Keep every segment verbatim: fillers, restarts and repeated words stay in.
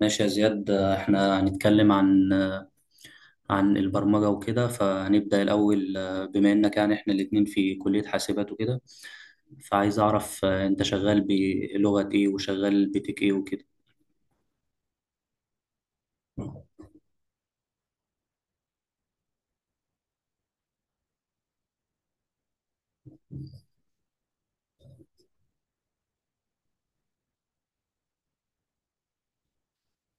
ماشي يا زياد، احنا هنتكلم عن عن البرمجة وكده، فهنبدأ الأول. آه، بما إنك يعني احنا الاتنين في كلية حاسبات وكده، فعايز أعرف آه، أنت شغال بلغة إيه وشغال بتك إيه وكده.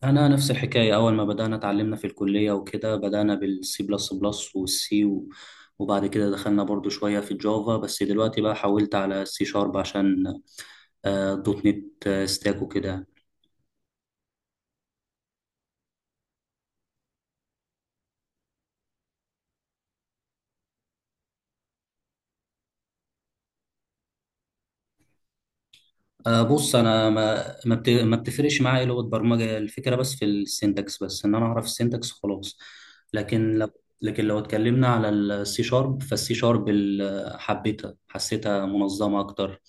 أنا نفس الحكاية، أول ما بدأنا اتعلمنا في الكلية وكده بدأنا بالسي بلس بلس والسي و... وبعد كده دخلنا برضو شوية في الجافا، بس دلوقتي بقى حولت على السي شارب عشان آه، دوت نت آه، ستاك وكده. آه، بص، انا ما ما بت- ما بتفرقش معايا إيه لغه برمجه، الفكره بس في السنتكس، بس ان انا اعرف السنتكس خلاص. لكن لو لكن لو اتكلمنا على السي شارب، فالسي شارب حبيتها، حسيتها منظمه اكتر.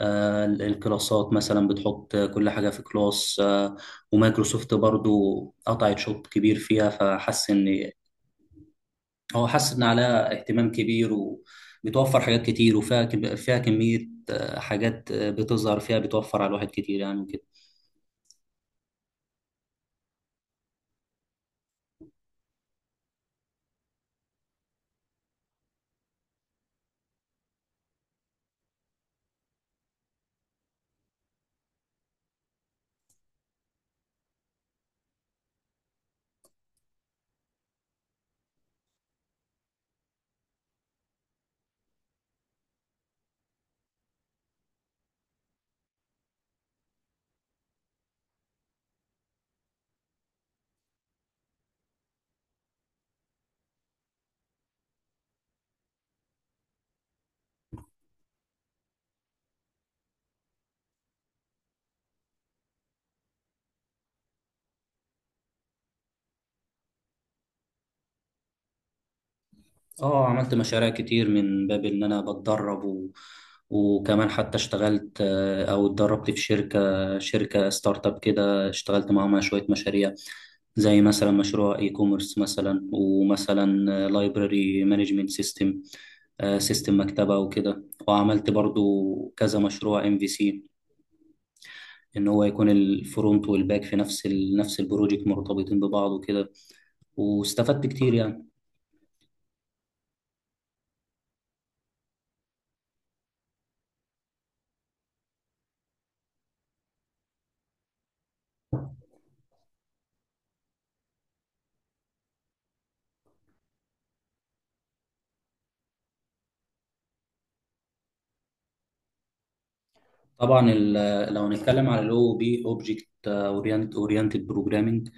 آه، ال- الكلاسات مثلا بتحط كل حاجه في كلاس، آه، ومايكروسوفت برضو قطعت شوط كبير فيها، فحس ان هو حاسس ان عليها اهتمام كبير، وبتوفر حاجات كتير، وفيها كم- فيها كمية آه، حاجات آه، بتظهر فيها، بتوفر على الواحد كتير يعني وكده. اه، عملت مشاريع كتير من باب ان انا بتدرب، و... وكمان حتى اشتغلت آه، او اتدربت في شركة شركة ستارت اب كده، اشتغلت معاهم على شوية مشاريع، زي مثلا مشروع اي كوميرس مثلا، ومثلا لايبراري مانجمنت سيستم سيستم مكتبة وكده. وعملت برضو كذا مشروع ام في سي، ان هو يكون الفرونت والباك في نفس ال... نفس البروجكت مرتبطين ببعض وكده، واستفدت كتير يعني. طبعا ال- لو هنتكلم على الاو بي اوبجكت اورينتد بروجرامنج،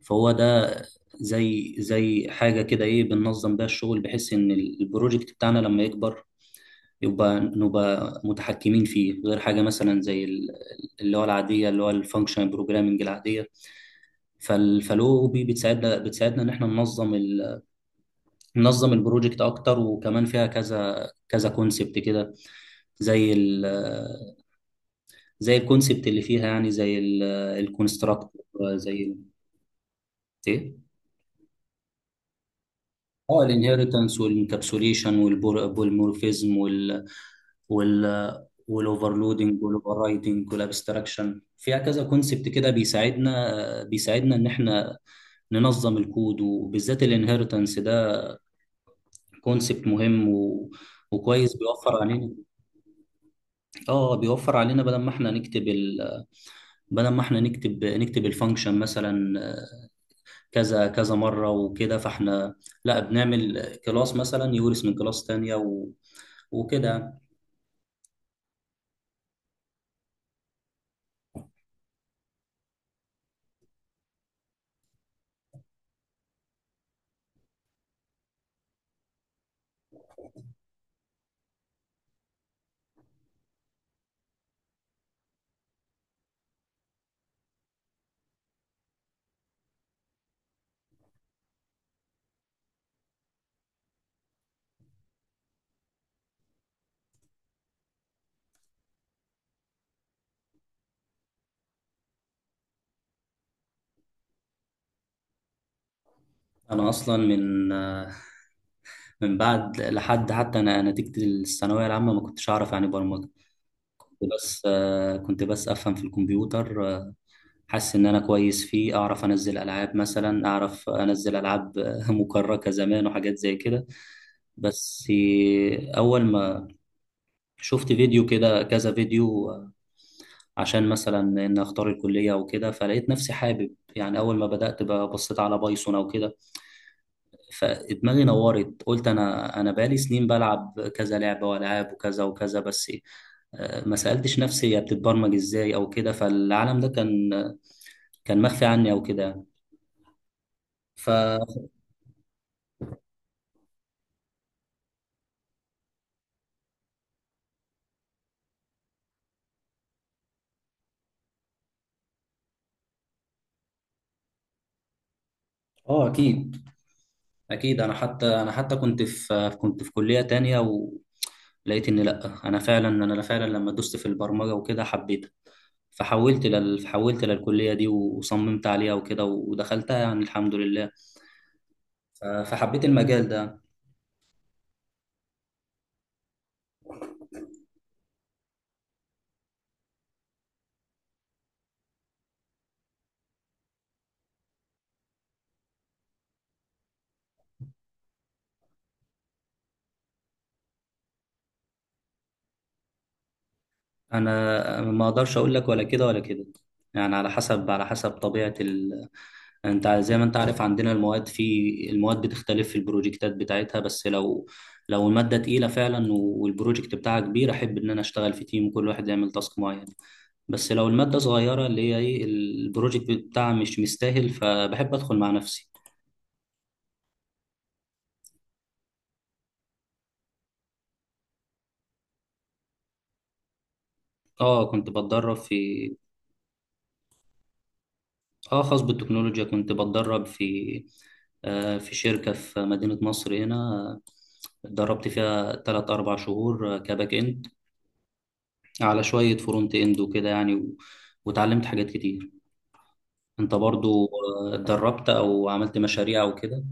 فهو ده زي زي حاجه كده، ايه، بننظم بيها الشغل بحيث ان البروجكت بتاعنا لما يكبر يبقى نبقى متحكمين فيه، غير حاجه مثلا زي ال- اللي هو العاديه، اللي هو الفانكشنال بروجرامنج العاديه. فالاو بي بتساعدنا بتساعدنا ان احنا ننظم، منظم البروجكت اكتر، وكمان فيها كذا كذا كونسبت كده، زي ال زي الكونسبت اللي فيها، يعني زي الكونستراكت، زي ال- ايه اه، الانهيرتنس والانكابسوليشن والبولمورفيزم وال وال والاوفرلودنج والاوفررايدنج والابستراكشن. فيها كذا كونسبت كده بيساعدنا بيساعدنا ان احنا ننظم الكود، وبالذات الانهيرتنس ده كونسبت مهم و... وكويس، بيوفر علينا. اه، بيوفر علينا بدل ما احنا نكتب ال بدل ما احنا نكتب نكتب الفانكشن مثلا كذا كذا مرة وكده، فاحنا لا، بنعمل كلاس مثلا يورث من كلاس تانية و... وكده. انا اصلا من من بعد لحد حتى انا نتيجة الثانوية العامة ما كنتش اعرف يعني برمجة. كنت بس كنت بس افهم في الكمبيوتر، حاسس ان انا كويس فيه، اعرف انزل العاب مثلا، اعرف انزل العاب مكركة زمان وحاجات زي كده. بس اول ما شفت فيديو كده، كذا فيديو، عشان مثلا ان اختار الكليه وكده، فلقيت نفسي حابب. يعني اول ما بدات ب- بصيت على بايثون او كده، فدماغي نورت، قلت انا انا بقالي سنين بلعب كذا لعبه والعاب وكذا وكذا، بس آه، ما سالتش نفسي هي بتتبرمج ازاي او كده، فالعالم ده كان كان مخفي عني او كده يعني. ف. اه اكيد، اكيد انا حتى، انا حتى كنت في كنت في كلية تانية ولقيت ان لا، انا فعلا، انا فعلا لما دوست في البرمجة وكده حبيتها، فحولت لل... حولت للكلية دي وصممت عليها وكده ودخلتها يعني الحمد لله. ف- فحبيت المجال ده. انا ما اقدرش اقول لك ولا كده ولا كده، يعني على حسب، على حسب طبيعه ال... انت زي ما انت عارف، عندنا المواد في المواد بتختلف في البروجكتات بتاعتها. بس لو، لو الماده تقيله فعلا والبروجكت بتاعها كبير، احب ان انا اشتغل في تيم وكل واحد يعمل تاسك معين. بس لو الماده صغيره اللي هي ايه، البروجكت بتاعها مش مستاهل، فبحب ادخل مع نفسي. اه كنت بتدرب في. اه، خاص بالتكنولوجيا، كنت بتدرب في آه، في شركة في مدينة نصر هنا، اتدربت فيها تلات أربع شهور آه، كباك إند، على شوية فرونت إند وكده يعني، و... وتعلمت حاجات كتير. أنت برضو آه، اتدربت أو عملت مشاريع أو كده؟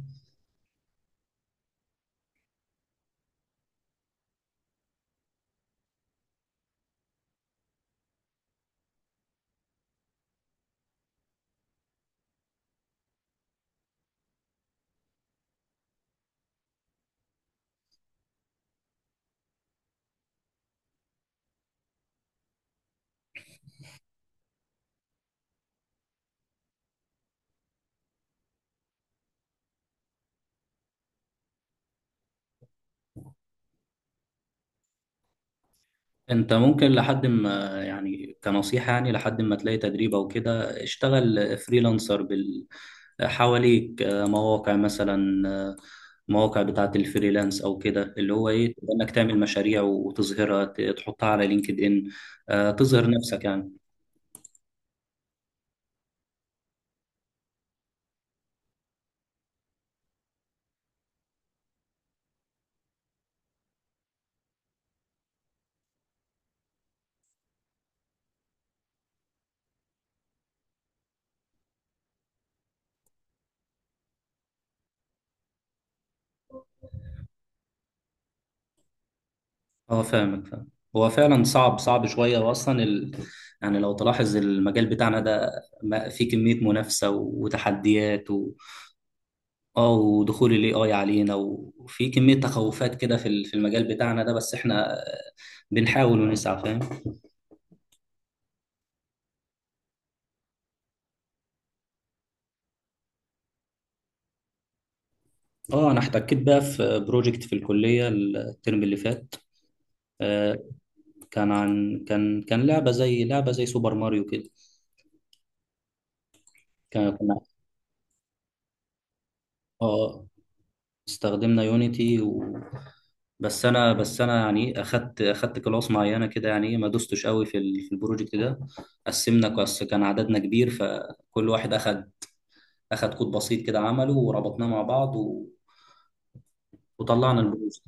انت ممكن، لحد ما يعني، كنصيحة، يعني لحد ما تلاقي تدريب او كده، اشتغل فريلانسر بال حواليك آه، مواقع مثلا، آه، مواقع بتاعة الفريلانس او كده، اللي هو ايه، تبقى انك تعمل مشاريع وتظهرها، ت- تحطها على لينكد ان، آه، تظهر نفسك يعني. اه فاهمك، فاهم. هو فعلا صعب، صعب شوية، واصلا ال... يعني لو تلاحظ المجال بتاعنا ده ما- فيه كمية منافسة وتحديات. اه، ودخول الاي اي علينا وفي كمية تخوفات كده في ال- في المجال بتاعنا ده، بس احنا بنحاول ونسعى، فاهم. اه انا احتكيت بقى في بروجكت في الكلية الترم اللي فات. آه، كان عن، كان كان لعبة زي لعبة زي سوبر ماريو كده. كان- كنا. اه استخدمنا يونيتي و... بس انا، بس انا يعني اخدت اخدت كلاس معينه كده، يعني ما دوستش قوي في ال- في البروجكت ده. قسمنا كلاس، كان عددنا كبير، فكل واحد اخد اخد كود بسيط كده عمله، وربطناه مع بعض و... وطلعنا البروز.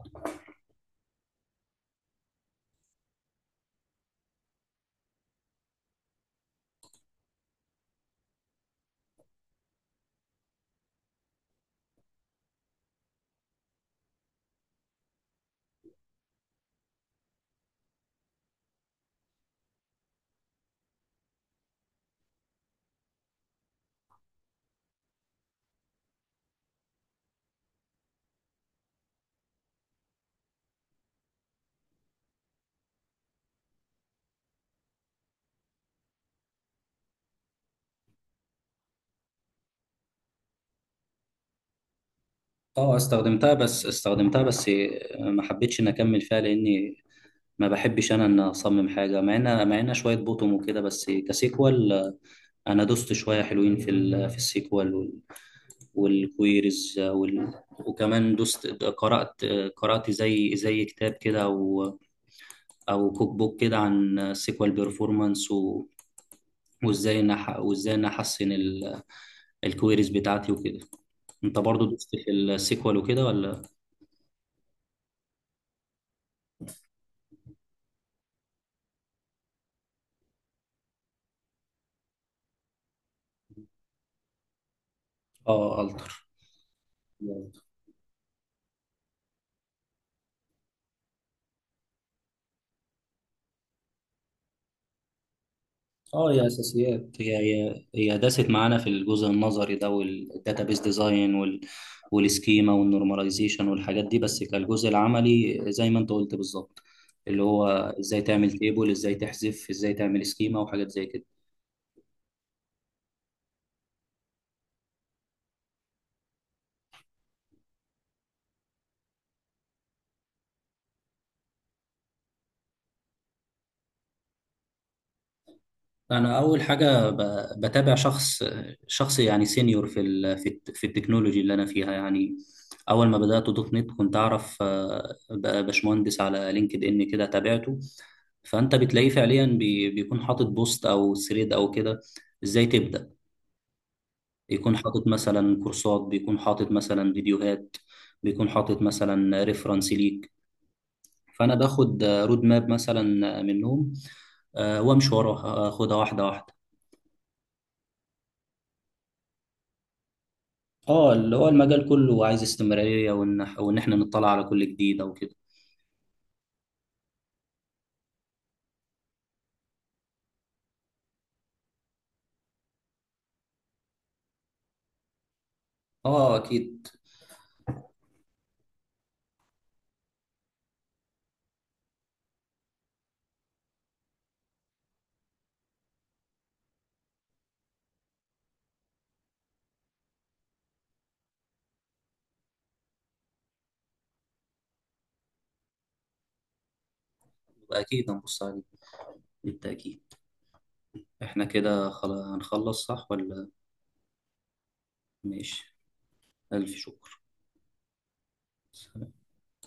اه استخدمتها، بس استخدمتها بس آه، ما حبيتش ان اكمل فيها، لاني ما بحبش انا ان اصمم حاجه، مع ان مع ان شويه بوتوم وكده. بس كسيكوال، انا دوست شويه حلوين في ال... في السيكوال وال... والكويريز وال... وكمان دوست، قرات قرات زي زي كتاب كده او او كوك بوك كده عن السيكوال بيرفورمانس و... وازاي إن أح- وازاي ان احسن ال... الكويريز بتاعتي وكده. انت برضو دوست في السيكوال وكده ولا؟ اه التر. اه هي اساسيات، هي هي هي داست معانا في الجزء النظري ده، والداتابيس ديزاين وال والسكيما والنورماليزيشن والحاجات دي. بس كالجزء العملي، زي ما انت قلت بالظبط، اللي هو ازاي تعمل تيبل، ازاي تحذف، ازاي تعمل سكيما وحاجات زي كده. انا اول حاجه ب- بتابع شخص، شخص يعني سينيور في ال- في الت- في التكنولوجي اللي انا فيها يعني. اول ما بدات دوت نت، كنت اعرف آه، ب- باشمهندس على لينكد ان كده، تابعته، فانت بتلاقيه فعليا بي- بيكون حاطط بوست او ثريد او كده، ازاي تبدا. يكون حاطط مثلا كورسات، بيكون حاطط مثلا فيديوهات، بيكون حاطط مثلا ريفرنس ليك، فانا باخد آه، رود ماب مثلا منهم، آه، وامشي وراها، آه، اخدها واحده واحده. اه، اللي هو المجال كله عايز استمرارية، وان وان احنا نطلع على كل جديد او كده. اه اكيد. اكيد هنبص عليه، بالتأكيد. احنا كده خلاص هنخلص صح ولا؟ ماشي، الف شكر.